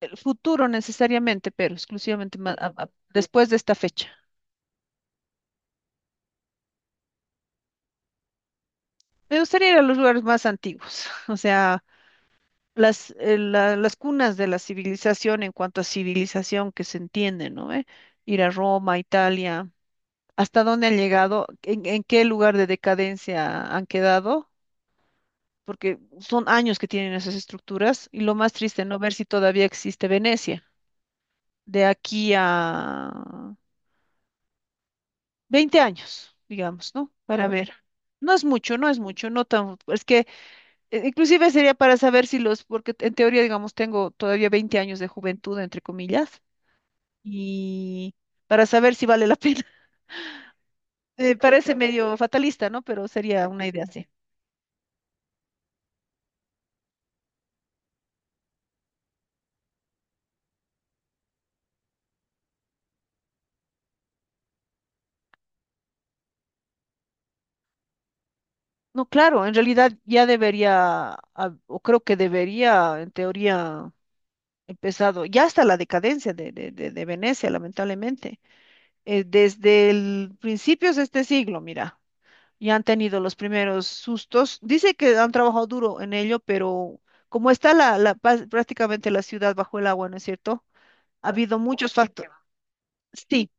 El futuro necesariamente, pero exclusivamente después de esta fecha. Me gustaría ir a los lugares más antiguos, o sea, las cunas de la civilización en cuanto a civilización que se entiende, ¿no? ¿Eh? Ir a Roma, Italia, hasta dónde han llegado, en qué lugar de decadencia han quedado, porque son años que tienen esas estructuras y lo más triste, ¿no? Ver si todavía existe Venecia. De aquí a 20 años, digamos, ¿no? Para ver. No es mucho, no es mucho, no tan, es que inclusive sería para saber si los, porque en teoría, digamos, tengo todavía 20 años de juventud, entre comillas, y para saber si vale la pena. Parece medio fatalista, ¿no? Pero sería una idea así. No, claro, en realidad ya debería, ah, o creo que debería, en teoría, empezado, ya está la decadencia de Venecia, lamentablemente, desde el principios de este siglo, mira. Y han tenido los primeros sustos. Dice que han trabajado duro en ello, pero como está prácticamente la ciudad bajo el agua, ¿no es cierto? Ha habido muchos factores. Sí,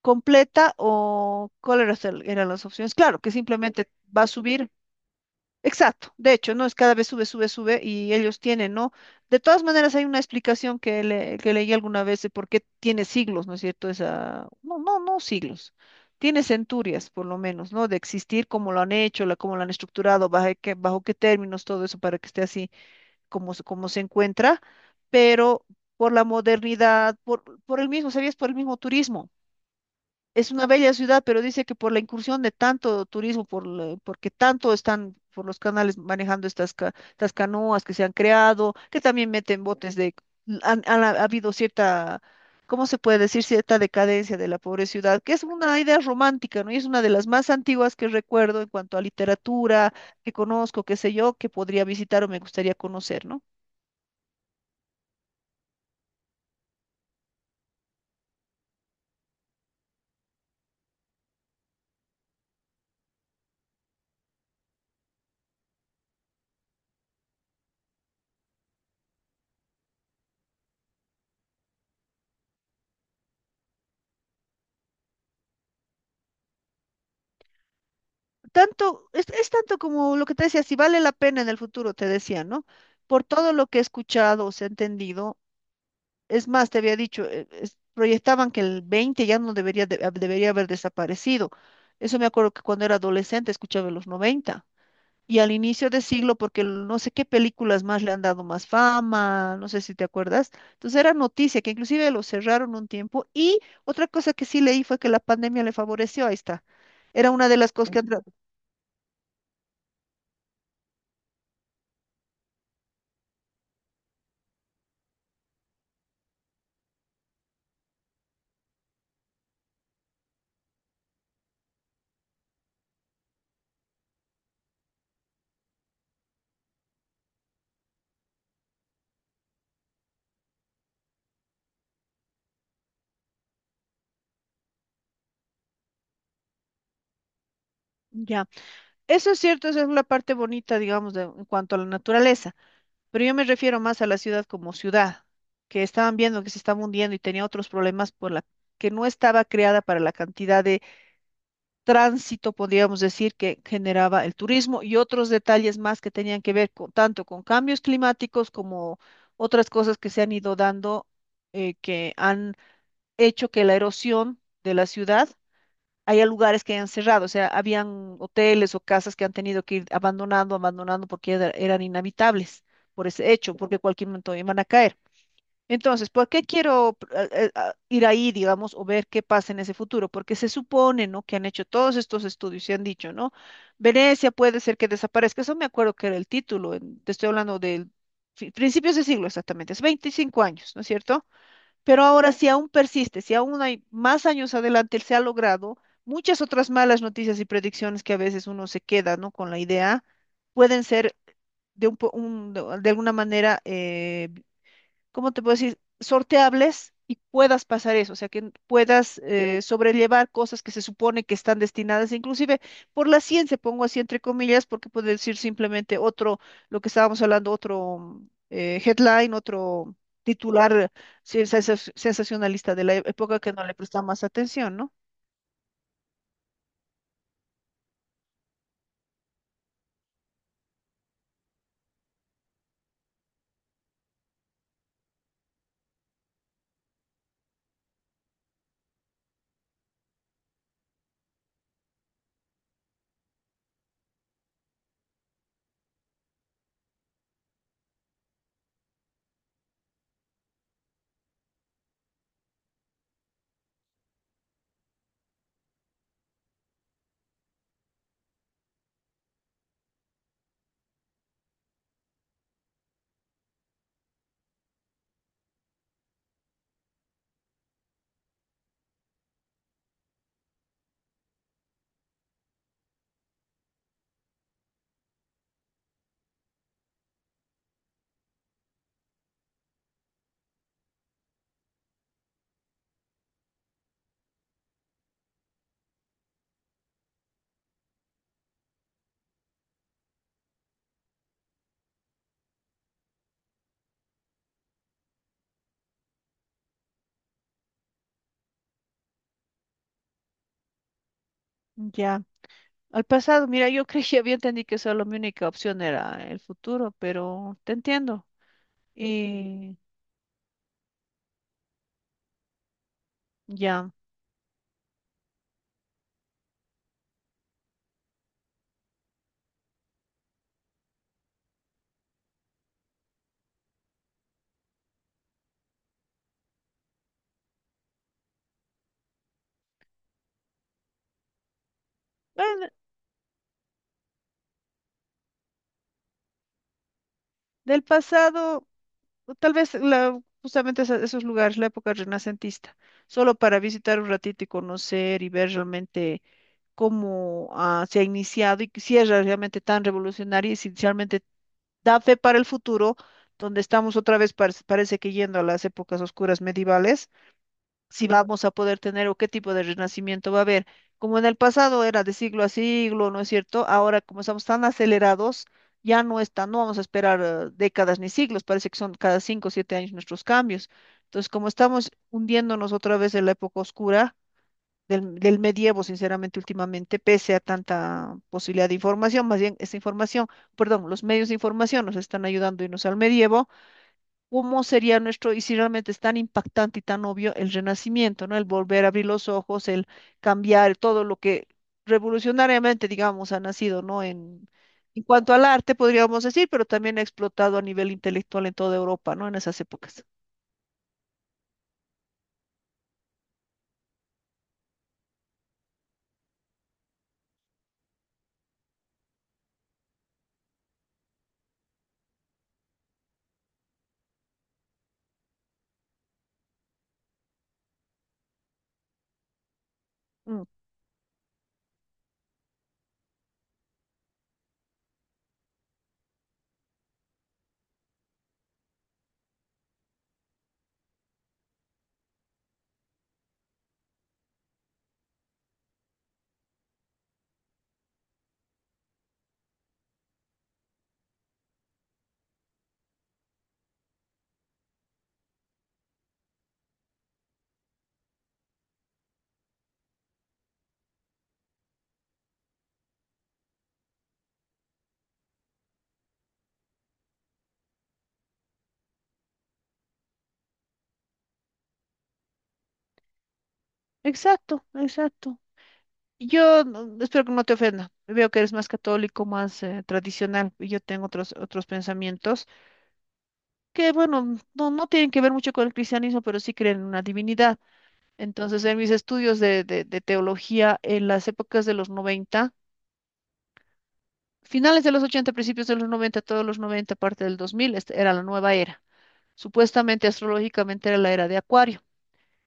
completa o cuáles eran las opciones. Claro, que simplemente va a subir. Exacto, de hecho, ¿no? Es cada vez sube, sube, sube y ellos tienen, ¿no? De todas maneras, hay una explicación que, que leí alguna vez de por qué tiene siglos, ¿no es cierto? Esa, no siglos, tiene centurias, por lo menos, ¿no? De existir, cómo lo han hecho, la, cómo lo han estructurado, bajo qué términos, todo eso para que esté así como se encuentra, pero por la modernidad, por el mismo, ¿sabías? Por el mismo turismo. Es una bella ciudad, pero dice que por la incursión de tanto turismo, porque tanto están por los canales manejando estas canoas que se han creado, que también meten botes de... Han, han ha habido cierta, ¿cómo se puede decir? Cierta decadencia de la pobre ciudad, que es una idea romántica, ¿no? Y es una de las más antiguas que recuerdo en cuanto a literatura, que conozco, qué sé yo, que podría visitar o me gustaría conocer, ¿no? Tanto, es tanto como lo que te decía, si vale la pena en el futuro, te decía, ¿no? Por todo lo que he escuchado o se entendido, es más, te había dicho, proyectaban que el 20 ya no debería, debería haber desaparecido. Eso me acuerdo que cuando era adolescente escuchaba en los 90 y al inicio de siglo, porque no sé qué películas más le han dado más fama, no sé si te acuerdas. Entonces era noticia que inclusive lo cerraron un tiempo y otra cosa que sí leí fue que la pandemia le favoreció, ahí está. Era una de las cosas que... Ya. Eso es cierto, esa es la parte bonita, digamos, de, en cuanto a la naturaleza, pero yo me refiero más a la ciudad como ciudad, que estaban viendo que se estaba hundiendo y tenía otros problemas por la que no estaba creada para la cantidad de tránsito, podríamos decir, que generaba el turismo y otros detalles más que tenían que ver con, tanto con cambios climáticos como otras cosas que se han ido dando, que han hecho que la erosión de la ciudad, hay lugares que han cerrado, o sea, habían hoteles o casas que han tenido que ir abandonando, abandonando porque eran inhabitables por ese hecho, porque cualquier momento iban a caer. Entonces, ¿por qué quiero pr- a ir ahí, digamos, o ver qué pasa en ese futuro? Porque se supone, ¿no? Que han hecho todos estos estudios y han dicho, ¿no? Venecia puede ser que desaparezca. Eso me acuerdo que era el título, te estoy hablando de principios de siglo exactamente, es 25 años, ¿no es cierto? Pero ahora, si aún persiste, si aún hay más años adelante, se ha logrado, muchas otras malas noticias y predicciones que a veces uno se queda, ¿no? Con la idea, pueden ser de, un, po- un- de alguna manera ¿cómo te puedo decir? Sorteables y puedas pasar eso, o sea, que puedas sobrellevar cosas que se supone que están destinadas, inclusive por la ciencia, pongo así entre comillas, porque puede decir simplemente otro, lo que estábamos hablando, otro headline, otro titular, sí, sensacionalista de la época que no le prestaba más atención, ¿no? Ya, al pasado, mira, yo creía, había entendido que solo mi única opción era el futuro, pero te entiendo. Y ya, bueno, del pasado. O tal vez la, justamente esos lugares, la época renacentista, solo para visitar un ratito y conocer y ver realmente cómo ah, se ha iniciado y que si es realmente tan revolucionario y si realmente da fe para el futuro, donde estamos otra vez, parece que yendo a las épocas oscuras medievales si vamos a poder tener o qué tipo de renacimiento va a haber. Como en el pasado era de siglo a siglo, ¿no es cierto? Ahora, como estamos tan acelerados, ya no está, no vamos a esperar décadas ni siglos, parece que son cada 5 o 7 años nuestros cambios. Entonces, como estamos hundiéndonos otra vez en la época oscura del medievo, sinceramente, últimamente, pese a tanta posibilidad de información, más bien esa información, perdón, los medios de información nos están ayudando a irnos al medievo cómo sería nuestro, y si realmente es tan impactante y tan obvio el renacimiento, ¿no? El volver a abrir los ojos, el cambiar todo lo que revolucionariamente, digamos, ha nacido, ¿no? En cuanto al arte, podríamos decir, pero también ha explotado a nivel intelectual en toda Europa, ¿no? En esas épocas. Mm. Exacto, exacto. Y yo espero que no te ofenda. Veo que eres más católico, más tradicional, y yo tengo otros pensamientos que, bueno, no tienen que ver mucho con el cristianismo, pero sí creen en una divinidad. Entonces, en mis estudios de, de teología en las épocas de los 90, finales de los 80, principios de los 90, todos los 90, parte del 2000, esta era la nueva era. Supuestamente, astrológicamente, era la era de Acuario,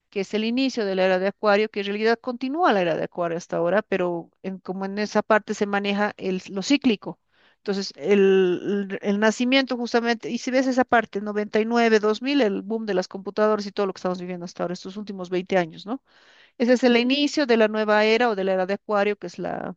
que es el inicio de la era de Acuario, que en realidad continúa la era de Acuario hasta ahora, pero como en esa parte se maneja lo cíclico. Entonces, el nacimiento justamente, y si ves esa parte, 99, 2000, el boom de las computadoras y todo lo que estamos viviendo hasta ahora, estos últimos 20 años, ¿no? Ese es el inicio de la nueva era o de la era de Acuario, que es la,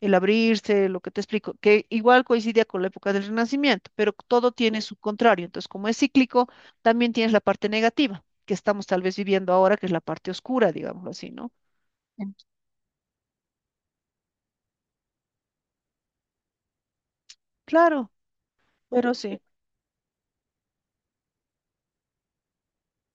el abrirse, lo que te explico, que igual coincidía con la época del Renacimiento, pero todo tiene su contrario. Entonces, como es cíclico, también tienes la parte negativa, que estamos tal vez viviendo ahora, que es la parte oscura, digámoslo así, ¿no? Ent- Claro, pero sí.